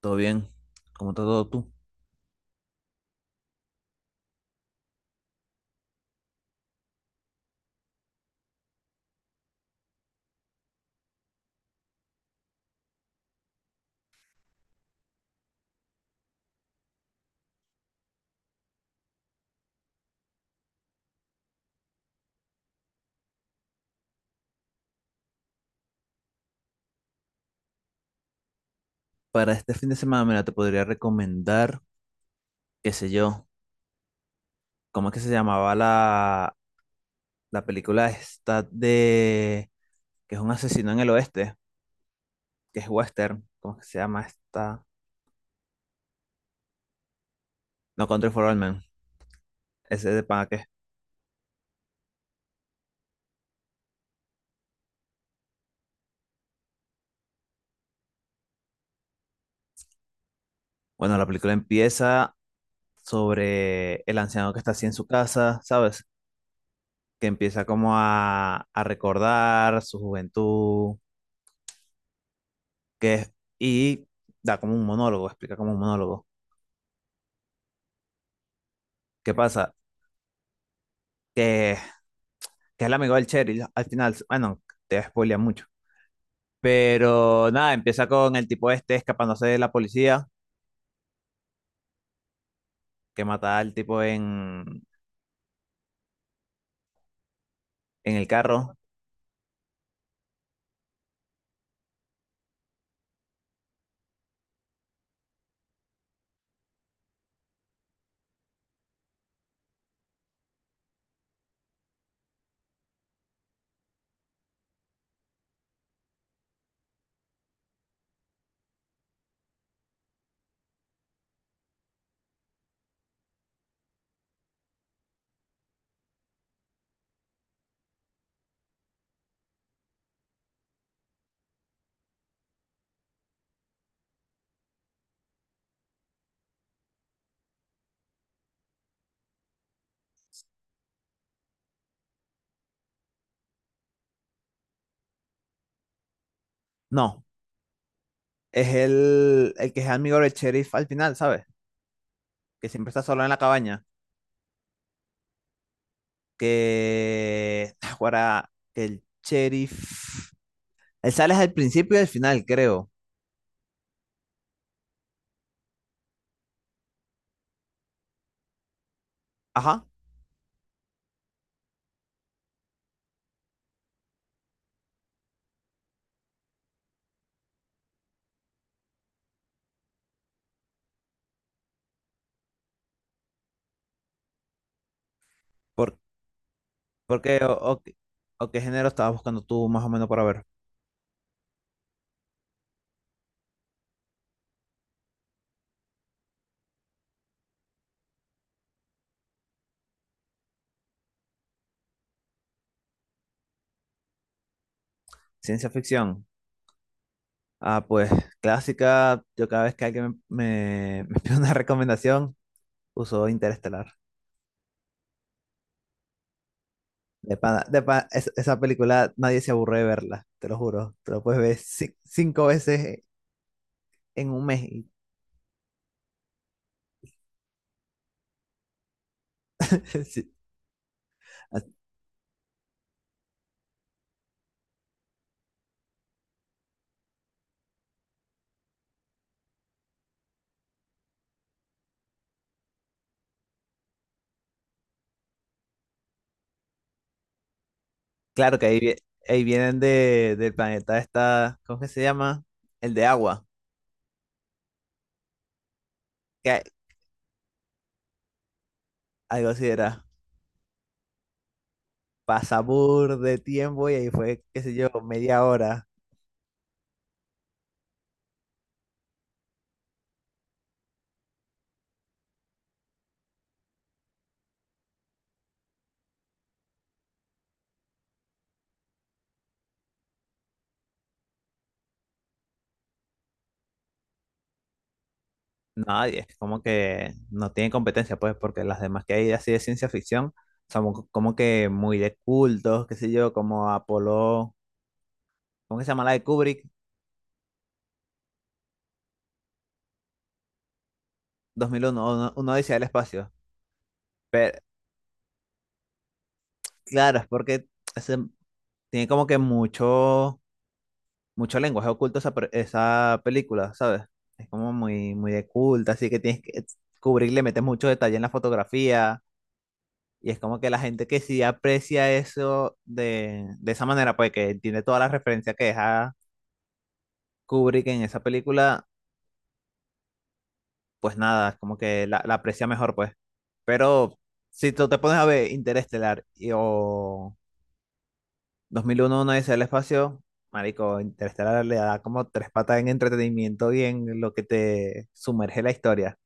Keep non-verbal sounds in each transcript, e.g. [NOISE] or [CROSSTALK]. Todo bien, ¿cómo está todo tú? Para este fin de semana, mira, te podría recomendar, qué sé yo, ¿cómo es que se llamaba la película esta de, que es un asesino en el oeste, que es western? ¿Cómo es que se llama esta? No Country for Old Men, ese de pana que. Bueno, la película empieza sobre el anciano que está así en su casa, ¿sabes? Que empieza como a recordar su juventud, que es, y da como un monólogo, explica como un monólogo. ¿Qué pasa? que que es el amigo del Cheryl, al final, bueno, te spoilea mucho. Pero nada, empieza con el tipo este escapándose de la policía, que mata al tipo en el carro. No, es el que es amigo del sheriff al final, ¿sabes? Que siempre está solo en la cabaña. Que [SIGHS] ahora que el sheriff. Él sale al principio y al final, creo. Ajá. ¿Por, ¿Por qué, o qué género estabas buscando tú más o menos para ver? Ciencia ficción. Ah, pues clásica, yo cada vez que alguien [LAUGHS] me pide una recomendación, uso Interestelar. Esa película nadie se aburre de verla, te lo juro. Te lo puedes ver cinco veces en un mes. Y [LAUGHS] sí. Ah, claro que ahí, vi ahí vienen de, del planeta esta, ¿cómo que se llama? El de agua, que algo así era. Pasa de tiempo y ahí fue, qué sé yo, media hora. Nadie, es como que no tiene competencia, pues, porque las demás que hay así de ciencia ficción son como que muy de cultos, qué sé yo, como Apolo. ¿Cómo que se llama la de Kubrick? 2001, uno dice el espacio. Pero claro, es porque ese- tiene como que mucho, mucho lenguaje oculto esa, esa película, ¿sabes? Es como muy, muy de culto, así que tienes que, Kubrick le mete mucho detalle en la fotografía. Y es como que la gente que sí aprecia eso de esa manera, pues que tiene todas las referencias que deja Kubrick en esa película, pues nada, es como que la aprecia mejor, pues. Pero si tú te pones a ver Interestelar y, o 2001, una dice el espacio, marico, Interestelar le da como tres patas en entretenimiento y en lo que te sumerge la historia.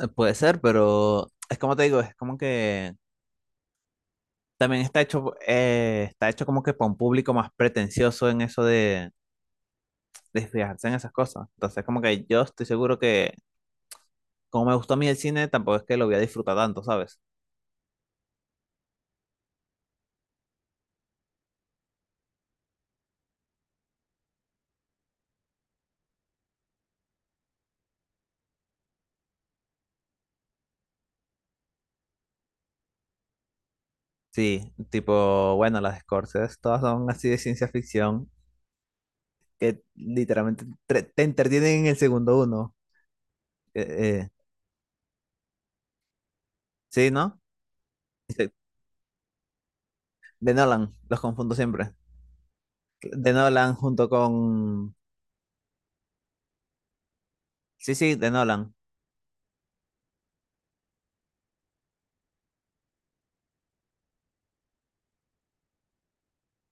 Puede ser, pero es como te digo, es como que también está hecho como que para un público más pretencioso en eso de desfijarse en esas cosas. Entonces, como que yo estoy seguro que, como me gustó a mí el cine, tampoco es que lo voy a disfrutar tanto, ¿sabes? Sí, tipo, bueno, las de Scorsese todas son así de ciencia ficción, que literalmente te entretienen en el segundo uno. Eh, eh, sí, ¿no? Este, De Nolan, los confundo siempre. De Nolan junto con... Sí, sí, de Nolan,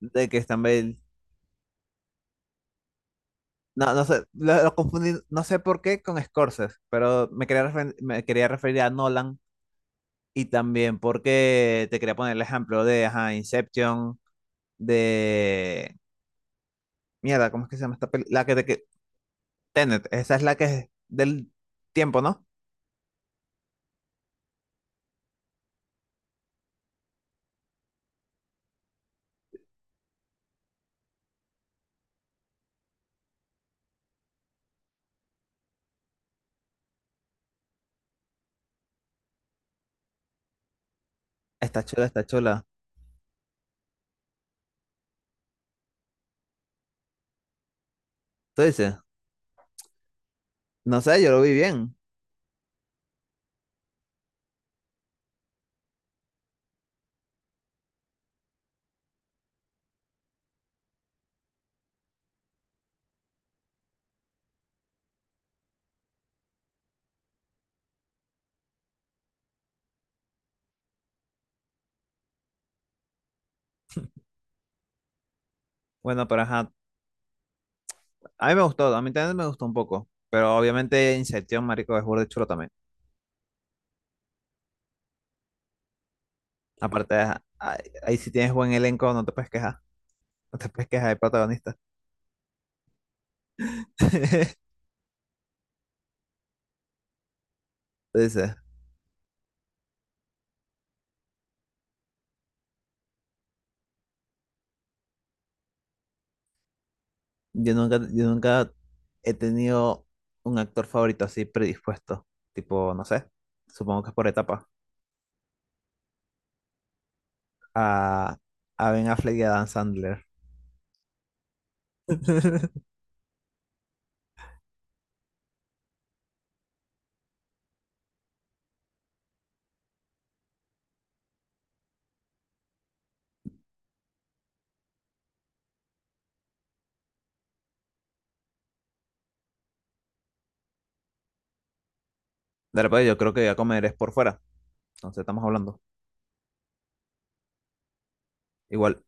de que también... No, no sé, lo confundí, no sé por qué con Scorsese, pero me quería, me quería referir a Nolan. Y también porque te quería poner el ejemplo de ajá, Inception, de... Mierda, ¿cómo es que se llama esta película? La que te... que- Tenet, esa es la que es del tiempo, ¿no? Está chula, está chula. Tú dices, no sé, yo lo vi bien. Bueno, pero ajá, a mí me gustó, a mí también me gustó un poco. Pero obviamente Inception, marico, es burde chulo también. Aparte, ajá, ahí, ahí si tienes buen elenco, no te puedes quejar. No te puedes quejar de protagonista. [LAUGHS] Tú dices, yo nunca, yo nunca he tenido un actor favorito así predispuesto. Tipo, no sé, supongo que es por etapa. A, a Ben Affleck y a Dan Sandler. [LAUGHS] De repente yo creo que voy a comer es por fuera. Entonces estamos hablando. Igual,